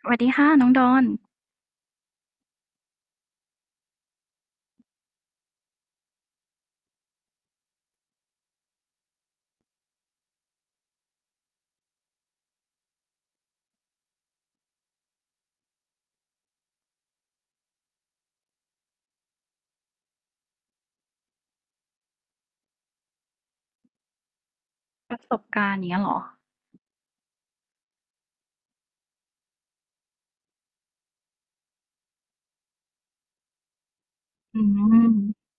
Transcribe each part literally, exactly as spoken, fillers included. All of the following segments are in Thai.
สวัสดีค่ะน้องดอนประสบการณ์อย่างเงี้ยเหรออืม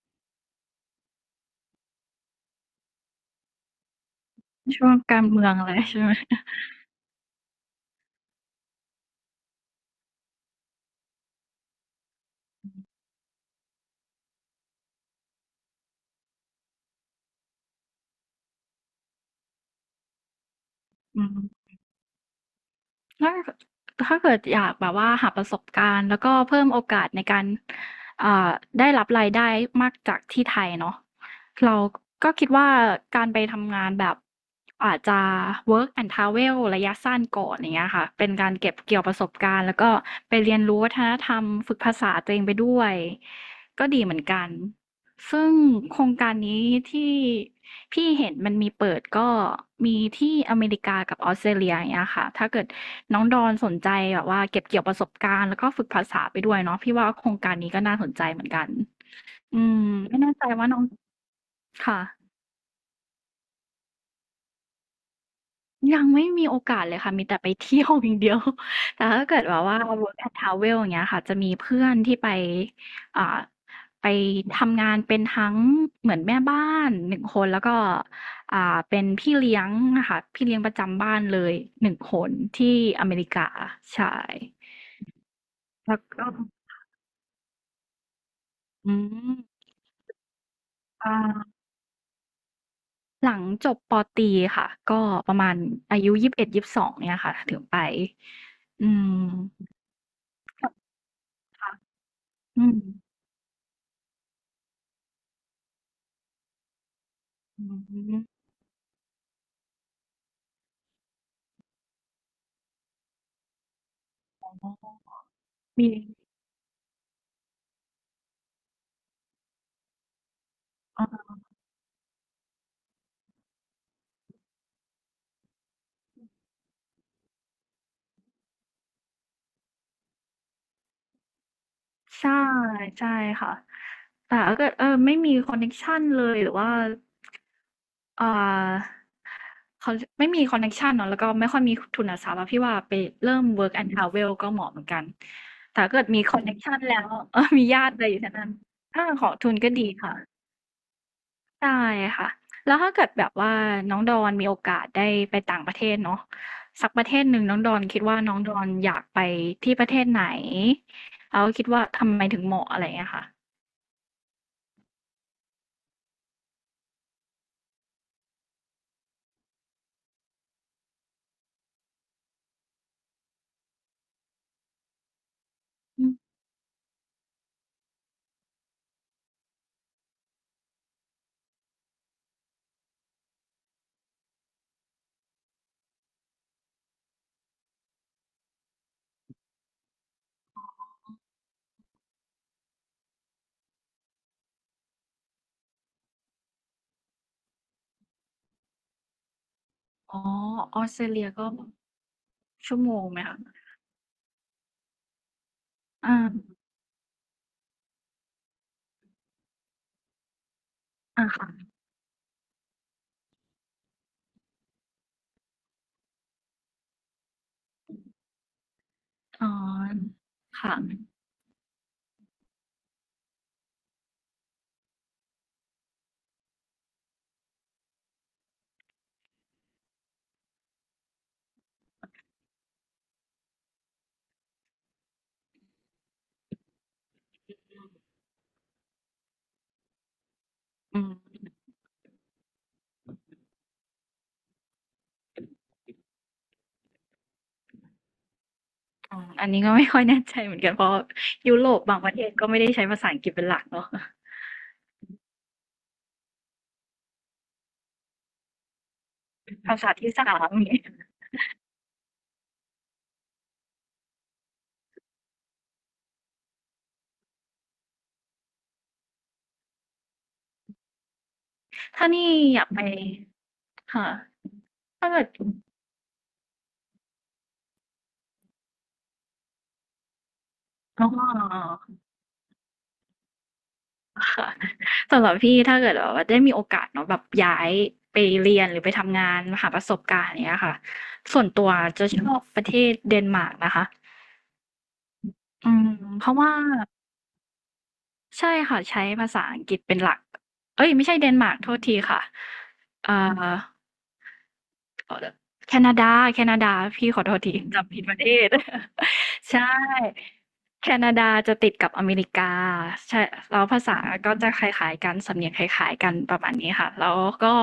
ช่วงการเมืองเลยใช่ไหมอืมถ้าถ้าเกิดอยากแบบว่าหาประสบการณ์แล้วก็เพิ่มโอกาสในการเอ่อได้รับรายได้มากจากที่ไทยเนาะเราก็คิดว่าการไปทำงานแบบอาจจะ work and travel ระยะสั้นก่อนอย่างเงี้ยค่ะเป็นการเก็บเกี่ยวประสบการณ์แล้วก็ไปเรียนรู้วัฒนธรรมฝึกภาษาตัวเองไปด้วยก็ดีเหมือนกัน ซึ่งโครงการนี้ที่พี่เห็นมันมีเปิดก็มีที่อเมริกากับออสเตรเลียอย่างเงี้ยค่ะ ถ้าเกิดน้องดอนสนใจแบบว่าเก็บเกี่ยวประสบการณ์แล้วก็ฝึกภาษาไปด้วยเนาะพี่ว่าโครงการนี้ก็น่าสนใจเหมือนกันอืมไม่แน่ใจว่าน้องค่ะ ยังไม่มีโอกาสเลยค่ะมีแต่ไปเที่ยวอย่างเดียว แต่ถ้าเกิดแบบว่า work and travel อย่างเงี้ยค่ะจะมีเพื่อนที่ไปอ่าไปทำงานเป็นทั้งเหมือนแม่บ้านหนึ่งคนแล้วก็อ่าเป็นพี่เลี้ยงอะค่ะพี่เลี้ยงประจำบ้านเลยหนึ่งคนที่อเมริกาใช่แล้วก็อืมอ่าหลังจบปตรีค่ะก็ประมาณอายุยี่สิบเอ็ดถึงยี่สิบสองเอ็ดยี่สิบสองเนี่ยค่ะถึงไปอืมค่ะอืม อืมอ๋อมีอาใช่ใช่ค่ะ แต่ถ้าเกิดเออไม่มีคอนเน็กชันเลยหรือว่าอ่าเขาไม่มีคอนเน็กชันเนาะแล้วก็ไม่ค่อยมีทุนทรัพย์อะพี่ว่าไปเริ่ม Work and Travel ก็เหมาะเหมือนกัน แต่ถ้าเกิดมีคอนเน็กชันแล้ว เออมีญาติอะไรอยู่แถวนั้นอาขอทุนก็ดีค่ะ ใช่ค่ะแล้วถ้าเกิดแบบว่าน้องดอนมีโอกาสได้ไปต่างประเทศเนาะสักประเทศหนึ่งน้องดอนคิดว่าน้องดอนอยากไปที่ประเทศไหนแล้วคิดว่าทำไมถึงเหมาะอะไรอย่างเงี้ยค่ะอืมอ๋อออสเตรเลียก็ชั่วโมงไหมคะอาอาค่ะอ๋อค่ะอืมอ๋ออันนี้ก็ไม่ค่อยแน่ใจเหมือนกันเพราะยุโรปบางประเทศก็ไม่ได้ใช้ภาษาอังกฤษเป็นหลักเนาะภาษาที่สามอย่างงี้ถ้านี่อยากไปค่ะถ้าเกิดอ๋อ ค่ะสำหรับพี่ถ้าเกิดแบบว่าได้มีโอกาสเนาะแบบย้ายไปเรียนหรือไปทำงานหาประสบการณ์อย่างเนี้ยค่ะส่วนตัวจะชอบประเทศเดนมาร์กนะคะอืมเพราะว่าใช่ค่ะใช้ภาษาอังกฤษเป็นหลักเอ้ยไม่ใช่เดนมาร์กโทษทีค่ะเอ่อ เขาจแคนาดาแคนาดาพี่ขอโทษทีจำผิดประเทศ ใช่แคนาดาจะติดกับอเมริกาใช่แล้วภาษาก็จะคล้ายๆกันสำเนียงคล้ายๆกันประมาณนี้ค่ะแล้วก็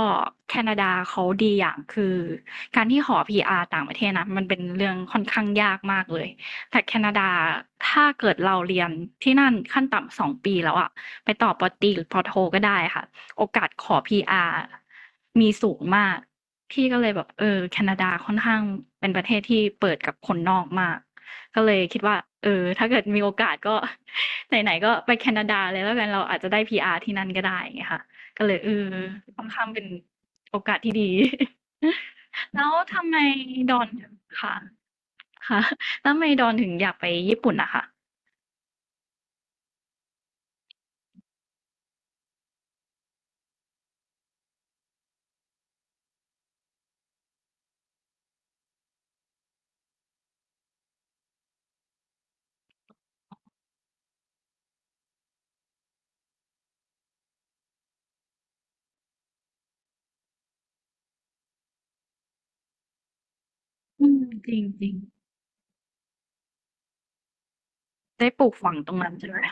แคนาดาเขาดีอย่างคือการที่ขอ พี อาร์ ต่างประเทศนะมันเป็นเรื่องค่อนข้างยากมากเลยแต่แคนาดาถ้าเกิดเราเรียนที่นั่นขั้นต่ำสองปีแล้วอะไปต่อปอตรีหรือปอโทก็ได้ค่ะโอกาสขอ พี อาร์ มีสูงมาก พี่ก็เลยแบบเออแคนาดาค่อนข้างเป็นประเทศที่เปิดกับคนนอกมากก็เลยคิดว่าเออถ้าเกิดมีโอกาสก็ ไหนๆก็ไปแคนาดาเลยแล้วกันเราอาจจะได้ พี อาร์ ที่นั่นก็ได้ไงยค่ะก็เลยเออค่อนข้างเป็นที่ดี แล้วทำไมดอนค่ะค่ะแล้วทำไมดอนถึงอยากไปญี่ปุ่นนะคะอืมจริงจริงได้ปลูกฝังตรงนั้นใช่ไหม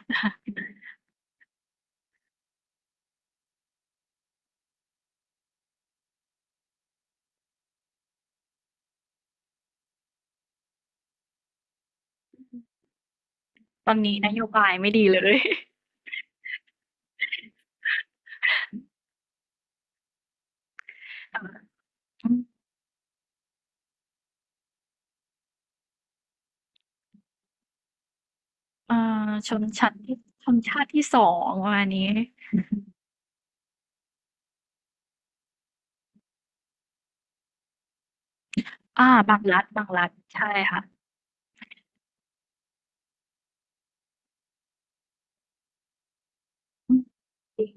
ตอนนี้นโยบายไม่ดีเลย อืม เอ่อชนชั้นที่ชนชาติที่สองประมาณนี้อาบางรัฐบางรัฐใช่ค่ะอืมจริง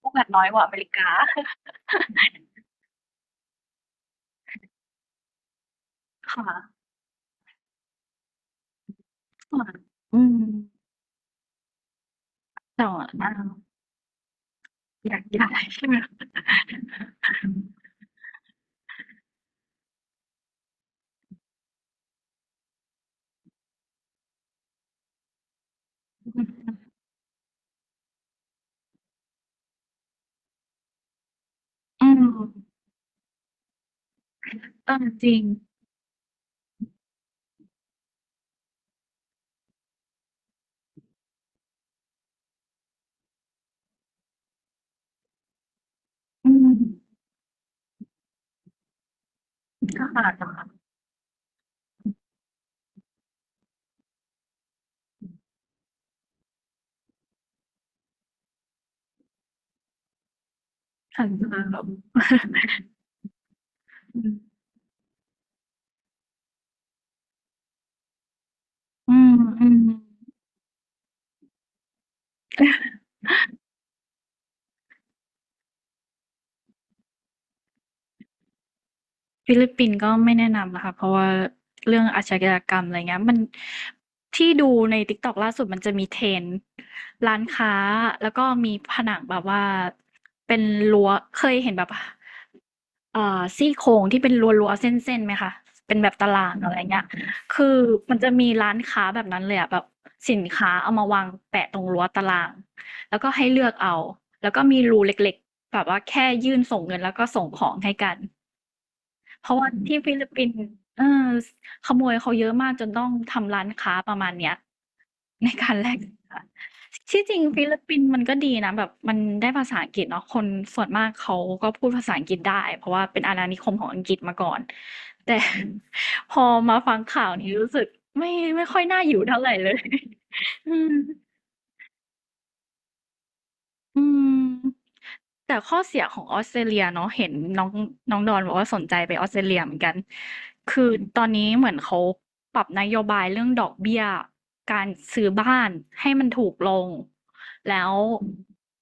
พวกมันน้อยกว่าอเมริกา ค่ะค่ะอืมแต่ว่าอาอยากย้ายใช่ไหมคะอืมเออจริงอืมก็ค่ะๆค่ะออแบบอืมอืมๆ ฟิลิปปินส์ก็ไม่แนะนำนะคะเพราะว่าเรื่องอาชญากรรมอะไรเงี้ยมันที่ดูใน TikTok ล่าสุดมันจะมีเทรนด์ร้านค้าแล้วก็มีผนังแบบว่าเป็นรั้วเคยเห็นแบบเอ่อซี่โครงที่เป็นรั้วรั้วเส้นๆไหมคะเป็นแบบตารางอะไรเงี้ยคือมันจะมีร้านค้าแบบนั้นเลยอะแบบสินค้าเอามาวางแปะตรงรั้วตารางแล้วก็ให้เลือกเอาแล้วก็มีรูเล็กๆแบบว่าแค่ยื่นส่งเงินแล้วก็ส่งของให้กัน เพราะว่าที่ฟิลิปปินส์เออขโมยเขาเยอะมากจนต้องทำร้านค้าประมาณเนี้ยในการแลกสินค้าที่จริงฟิลิปปินส์มันก็ดีนะแบบมันได้ภาษาอังกฤษเนาะคนส่วนมากเขาก็พูดภาษาอังกฤษได้เพราะว่าเป็นอาณานิคมของอังกฤษมาก่อนแต่ พอมาฟังข่าวนี้รู้สึกไม่ไม่ค่อยน่าอยู่เท่าไรเลย อืม อืมแต่ข้อเสียของออสเตรเลียเนาะเห็นน้องน้องดอนบอกว่าสนใจไปออสเตรเลียเหมือนกันคือตอนนี้เหมือนเขาปรับนโยบายเรื่องดอกเบี้ยการซื้อบ้านให้มันถูกลงแล้ว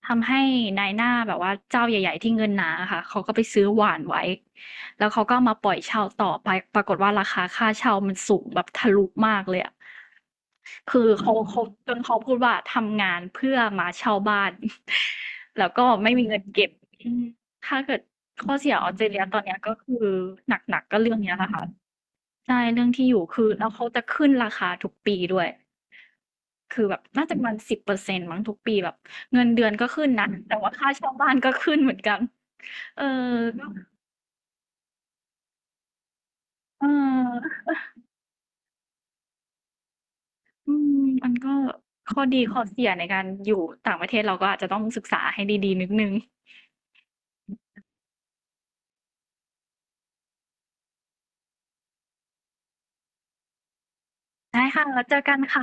ทำให้นายหน้าแบบว่าเจ้าใหญ่ๆที่เงินหนาค่ะเขาก็ไปซื้อหว่านไว้แล้วเขาก็มาปล่อยเช่าต่อไปปรากฏว่าราคาค่าเช่ามันสูงแบบทะลุมากเลยอะ คือเขาเขาจนเขาพูดว่าทำงานเพื่อมาเช่าบ้าน แล้วก็ไม่มีเงินเก็บอืมถ้าเกิดข้อเสียออสเตรเลียตอนเนี้ยก็คือหนักๆก็เรื่องเนี้ยแหละค่ะใช่เรื่องที่อยู่คือแล้วเขาจะขึ้นราคาทุกปีด้วยคือแบบน่าจะประมาณสิบเปอร์เซ็นต์มั้งทุกปีแบบเงินเดือนก็ขึ้นนะแต่ว่าค่าเช่าบ้านก็ขึ้นเหมือนกันเออก็เอออืมมันก็ข้อดีข้อเสียในการอยู่ต่างประเทศเราก็อาจจะต้องศึกษาให้ดีๆนิดนึง ได้ค่ะแล้วเจอกันค่ะ